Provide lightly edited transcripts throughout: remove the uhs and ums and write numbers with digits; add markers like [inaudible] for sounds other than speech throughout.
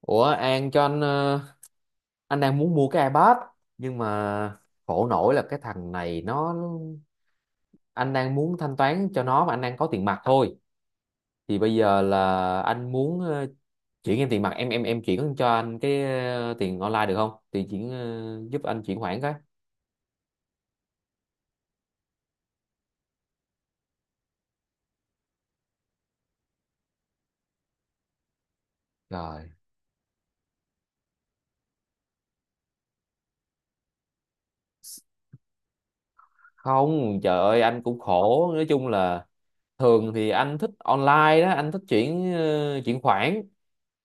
Ủa An cho anh, anh đang muốn mua cái iPad, nhưng mà khổ nổi là cái thằng này nó, anh đang muốn thanh toán cho nó mà anh đang có tiền mặt thôi, thì bây giờ là anh muốn chuyển em tiền mặt, em chuyển cho anh cái tiền online được không thì chuyển giúp anh chuyển khoản cái. Rồi. Không, trời ơi anh cũng khổ, nói chung là thường thì anh thích online đó, anh thích chuyển chuyển khoản,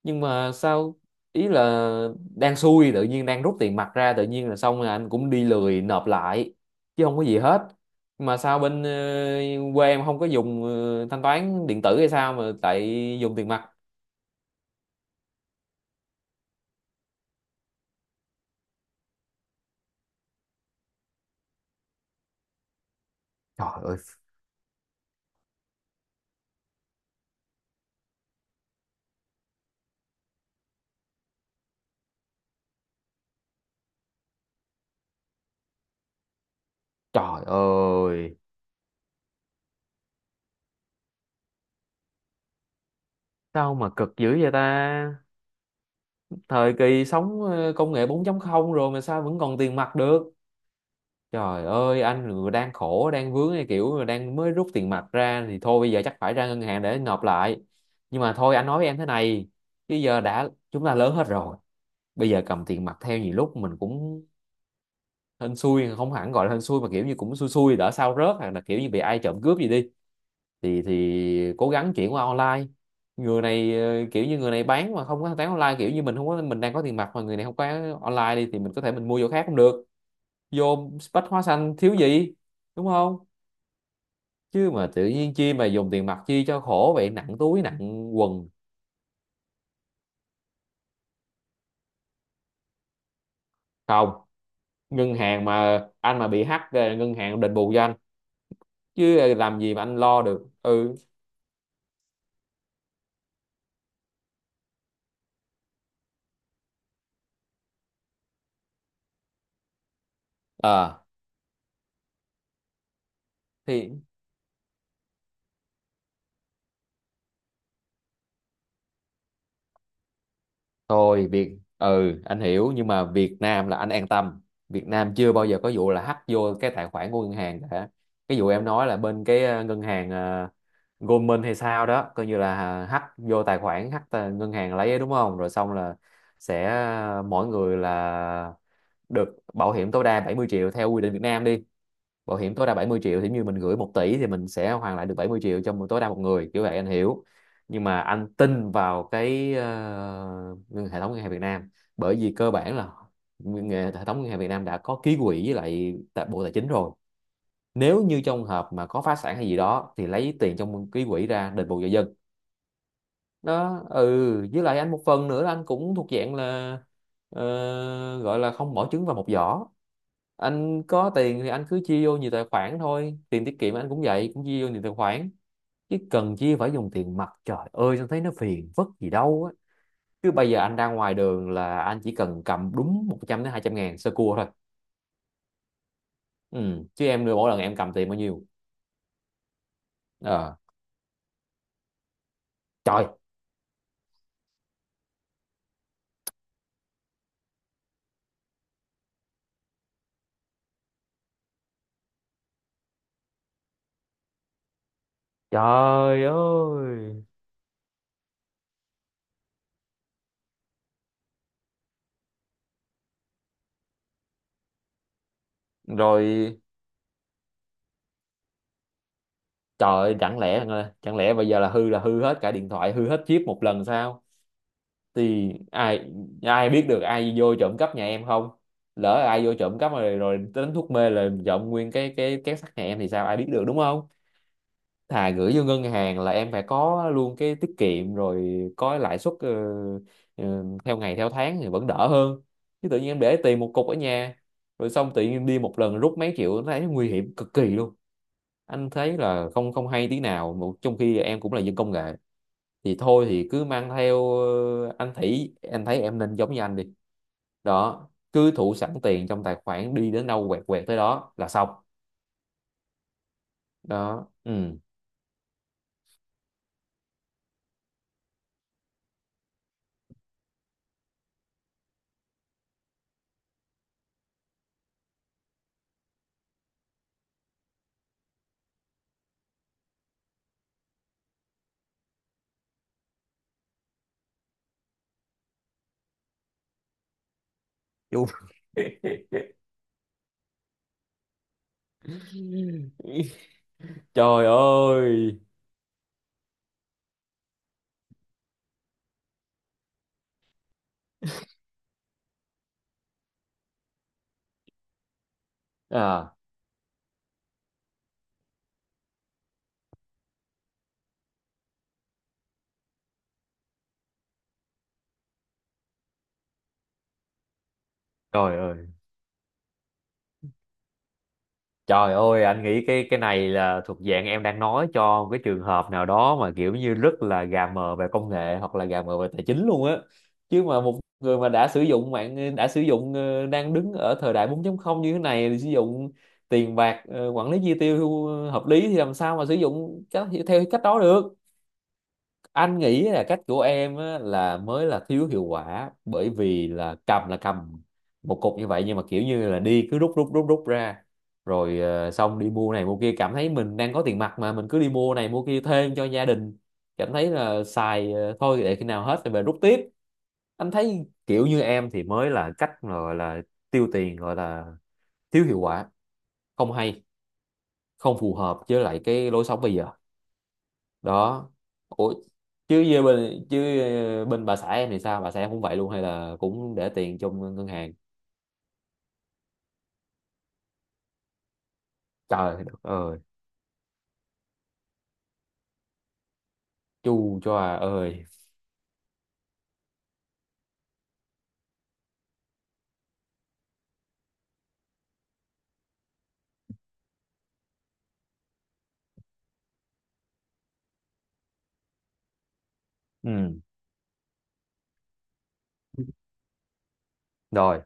nhưng mà sao, ý là đang xui, tự nhiên đang rút tiền mặt ra tự nhiên là xong rồi anh cũng đi lười nộp lại, chứ không có gì hết. Nhưng mà sao bên, quê em không có dùng thanh toán điện tử hay sao mà tại dùng tiền mặt? Trời ơi. Trời ơi sao mà cực dữ vậy ta. Thời kỳ sống công nghệ 4 không rồi mà sao vẫn còn tiền mặt được. Trời ơi, anh vừa đang khổ, đang vướng cái kiểu là đang mới rút tiền mặt ra thì thôi bây giờ chắc phải ra ngân hàng để nộp lại. Nhưng mà thôi anh nói với em thế này, bây giờ đã chúng ta lớn hết rồi, bây giờ cầm tiền mặt theo nhiều lúc mình cũng hên xui, không hẳn gọi là hên xui mà kiểu như cũng xui xui, đỡ sao rớt hoặc là kiểu như bị ai trộm cướp gì đi, thì cố gắng chuyển qua online. Người này, kiểu như người này bán mà không có bán online, kiểu như mình không có, mình đang có tiền mặt mà người này không có online đi thì mình có thể mình mua chỗ khác cũng được, vô Bách Hóa Xanh thiếu gì, đúng không? Chứ mà tự nhiên chi mà dùng tiền mặt chi cho khổ vậy, nặng túi nặng quần. Không, ngân hàng mà anh mà bị hack ngân hàng đền bù cho anh, chứ làm gì mà anh lo được. Ừ. Ờ thì thôi Việt, ừ anh hiểu nhưng mà Việt Nam là anh an tâm, Việt Nam chưa bao giờ có vụ là hack vô cái tài khoản của ngân hàng cả. Cái vụ em nói là bên cái ngân hàng Goldman hay sao đó coi như là hack vô tài khoản, hack tài- ngân hàng lấy ấy, đúng không, rồi xong là sẽ mỗi người là được bảo hiểm tối đa 70 triệu theo quy định Việt Nam đi, bảo hiểm tối đa 70 triệu thì như mình gửi 1 tỷ thì mình sẽ hoàn lại được 70 triệu cho tối đa một người kiểu vậy anh hiểu. Nhưng mà anh tin vào cái hệ thống ngân hàng Việt Nam, bởi vì cơ bản là nguyên- hệ thống ngân hàng Việt Nam đã có ký quỹ với lại tại Bộ Tài chính rồi, nếu như trong hợp mà có phá sản hay gì đó thì lấy tiền trong ký quỹ ra đền bù cho dân. Đó, ừ, với lại anh một phần nữa là anh cũng thuộc dạng là gọi là không bỏ trứng vào một giỏ, anh có tiền thì anh cứ chia vô nhiều tài khoản thôi, tiền tiết kiệm anh cũng vậy, cũng chia vô nhiều tài khoản, chứ cần chia phải dùng tiền mặt trời ơi anh thấy nó phiền vất gì đâu á. Cứ bây giờ anh ra ngoài đường là anh chỉ cần cầm đúng 100 đến 200 ngàn sơ cua thôi. Ừ. Chứ em đưa mỗi lần em cầm tiền bao nhiêu? Ờ. Trời. Trời ơi. Rồi. Trời ơi, chẳng lẽ Hằng ơi, chẳng lẽ bây giờ là hư hết cả điện thoại, hư hết chip một lần sao? Thì ai, ai biết được ai vô trộm cắp nhà em không? Lỡ ai vô trộm cắp rồi, đến thuốc mê là trộm nguyên cái két sắt nhà em thì sao, ai biết được đúng không? Thà gửi vô ngân hàng là em phải có luôn cái tiết kiệm rồi, có lãi suất, theo ngày theo tháng thì vẫn đỡ hơn. Chứ tự nhiên em để tiền một cục ở nhà rồi xong tự nhiên đi một lần rút mấy triệu nó thấy nguy hiểm cực kỳ luôn. Anh thấy là không, không hay tí nào mà trong khi em cũng là dân công nghệ, thì thôi thì cứ mang theo, anh thấy em nên giống như anh đi, đó cứ thủ sẵn tiền trong tài khoản, đi đến đâu quẹt quẹt tới đó là xong. Đó, ừ. Chú [laughs] trời ơi. À. Trời ơi. Trời ơi, anh nghĩ cái này là thuộc dạng em đang nói cho một cái trường hợp nào đó mà kiểu như rất là gà mờ về công nghệ hoặc là gà mờ về tài chính luôn á. Chứ mà một người mà đã sử dụng mạng, đã sử dụng, đang đứng ở thời đại 4.0 như thế này thì sử dụng tiền bạc, quản lý chi tiêu hợp lý thì làm sao mà sử dụng cách, theo cách đó được. Anh nghĩ là cách của em á, là mới là thiếu hiệu quả, bởi vì là cầm một cục như vậy nhưng mà kiểu như là đi cứ rút rút rút rút ra, rồi xong đi mua này mua kia, cảm thấy mình đang có tiền mặt mà mình cứ đi mua này mua kia thêm cho gia đình, cảm thấy là xài, thôi để khi nào hết thì về rút tiếp. Anh thấy kiểu như em thì mới là cách mà gọi là tiêu tiền, gọi là thiếu hiệu quả, không hay, không phù hợp với lại cái lối sống bây giờ. Đó. Ủa, chứ với bên, chứ bên bà xã em thì sao, bà xã em cũng vậy luôn hay là cũng để tiền trong ngân hàng? Trời đất ơi. Chu cho à ơi. Ừ. Rồi.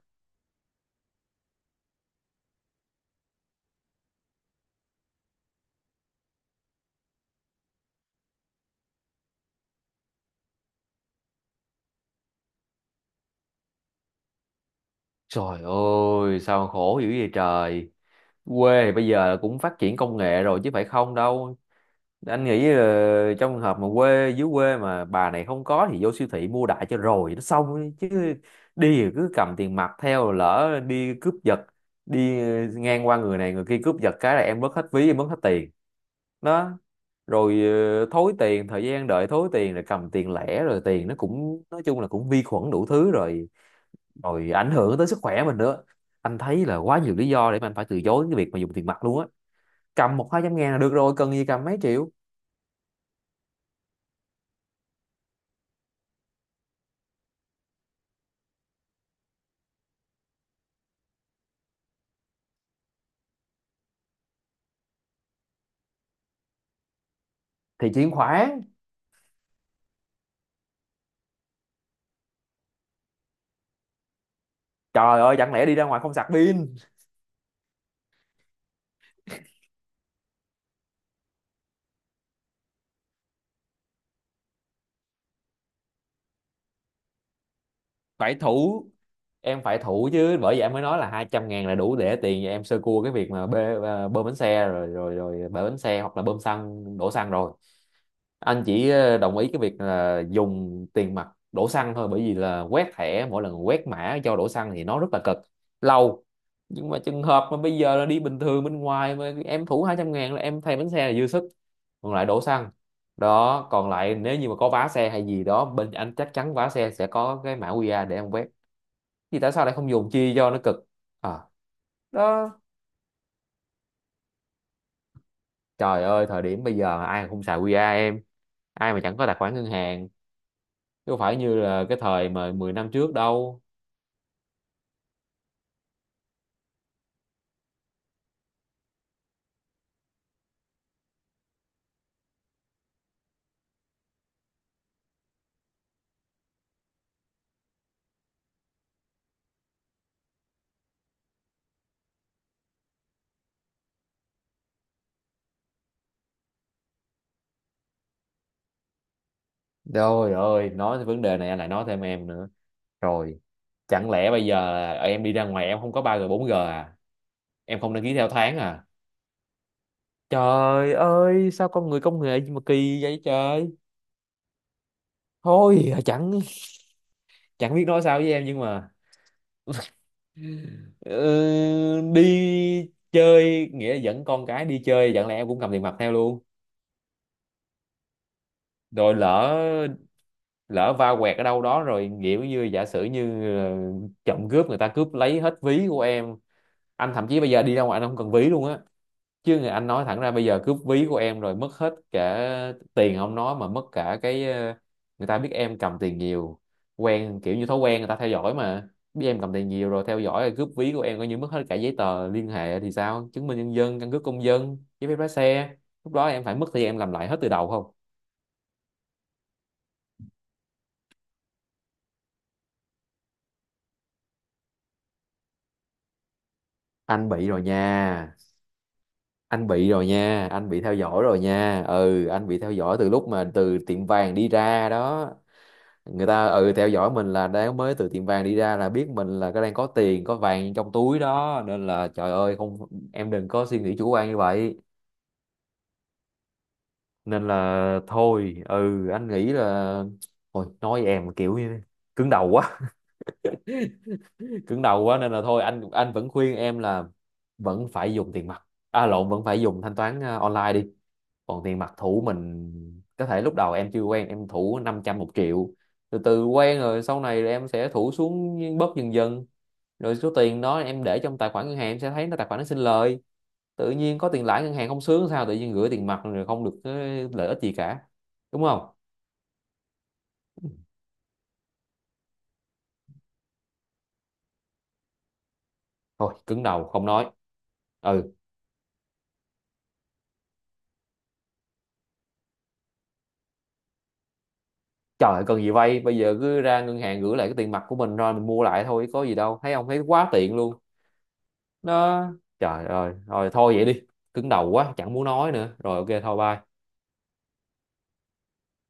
Trời ơi sao mà khổ dữ vậy trời. Quê thì bây giờ cũng phát triển công nghệ rồi chứ phải không đâu. Anh nghĩ là trong trường hợp mà quê, dưới quê mà bà này không có thì vô siêu thị mua đại cho rồi nó xong ấy. Chứ đi thì cứ cầm tiền mặt theo lỡ đi cướp giật, đi ngang qua người này người kia cướp giật cái là em mất hết ví, em mất hết tiền. Đó, rồi thối tiền, thời gian đợi thối tiền rồi cầm tiền lẻ, rồi tiền nó cũng nói chung là cũng vi khuẩn đủ thứ rồi, rồi ảnh hưởng tới sức khỏe mình nữa. Anh thấy là quá nhiều lý do để mà anh phải từ chối cái việc mà dùng tiền mặt luôn á. Cầm 1-2 trăm ngàn là được rồi, cần gì cầm mấy triệu. Thì chuyển khoản. Trời ơi chẳng lẽ đi ra ngoài không sạc pin. Phải thủ. Em phải thủ chứ, bởi vậy em mới nói là 200 ngàn là đủ để tiền cho em sơ cua cái việc mà bê, à, bơm bánh xe, rồi rồi rồi bể bánh xe hoặc là bơm xăng, đổ xăng rồi. Anh chỉ, đồng ý cái việc là dùng tiền mặt đổ xăng thôi, bởi vì là quét thẻ mỗi lần quét mã cho đổ xăng thì nó rất là cực lâu. Nhưng mà trường hợp mà bây giờ là đi bình thường bên ngoài mà em thủ 200 ngàn là em thay bánh xe là dư sức, còn lại đổ xăng. Đó, còn lại nếu như mà có vá xe hay gì đó bên anh chắc chắn vá xe sẽ có cái mã QR để em quét, thì tại sao lại không dùng chi cho nó cực. À. Đó. Trời ơi thời điểm bây giờ ai mà không xài QR em, ai mà chẳng có tài khoản ngân hàng, chứ không phải như là cái thời mà 10 năm trước đâu. Trời ơi nói tới vấn đề này anh lại nói thêm em nữa. Rồi, chẳng lẽ bây giờ là em đi ra ngoài em không có 3G 4G à, em không đăng ký theo tháng à? Trời ơi sao con người công nghệ gì mà kỳ vậy trời. Thôi, chẳng chẳng biết nói sao với em nhưng mà ừ, đi chơi nghĩa là dẫn con cái đi chơi chẳng lẽ em cũng cầm tiền mặt theo luôn. Rồi lỡ, lỡ va quẹt ở đâu đó rồi kiểu như giả sử như, trộm cướp người ta cướp lấy hết ví của em. Anh thậm chí bây giờ đi ra ngoài anh không cần ví luôn á, chứ người anh nói thẳng ra bây giờ cướp ví của em rồi mất hết cả tiền không nói mà mất cả cái, người ta biết em cầm tiền nhiều, quen kiểu như thói quen người ta theo dõi mà biết em cầm tiền nhiều rồi theo dõi rồi cướp ví của em coi như mất hết cả giấy tờ liên hệ thì sao, chứng minh nhân dân, căn cước công dân, giấy phép lái xe, lúc đó em phải mất thời gian em làm lại hết từ đầu không. Anh bị rồi nha. Anh bị rồi nha, anh bị theo dõi rồi nha, ừ anh bị theo dõi từ lúc mà từ tiệm vàng đi ra đó. Người ta, ừ, theo dõi mình là đang mới từ tiệm vàng đi ra là biết mình là cái đang có tiền có vàng trong túi đó, nên là trời ơi không, em đừng có suy nghĩ chủ quan như vậy. Nên là thôi, ừ anh nghĩ là thôi, nói em mà kiểu như cứng đầu quá, [laughs] cứng đầu quá nên là thôi anh, vẫn khuyên em là vẫn phải dùng tiền mặt, à lộn, vẫn phải dùng thanh toán online đi. Còn tiền mặt thủ mình có thể lúc đầu em chưa quen em thủ 500, 1 triệu, từ từ quen rồi sau này em sẽ thủ xuống bớt dần dần, rồi số tiền đó em để trong tài khoản ngân hàng em sẽ thấy nó, tài khoản nó sinh lời, tự nhiên có tiền lãi ngân hàng không sướng sao, tự nhiên gửi tiền mặt rồi không được cái lợi ích gì cả, đúng không. Thôi cứng đầu không nói. Ừ. Trời ơi, cần gì vay, bây giờ cứ ra ngân hàng gửi lại cái tiền mặt của mình rồi mình mua lại thôi có gì đâu, thấy không, thấy quá tiện luôn. Đó. Trời ơi rồi thôi vậy đi, cứng đầu quá chẳng muốn nói nữa rồi, ok thôi bye.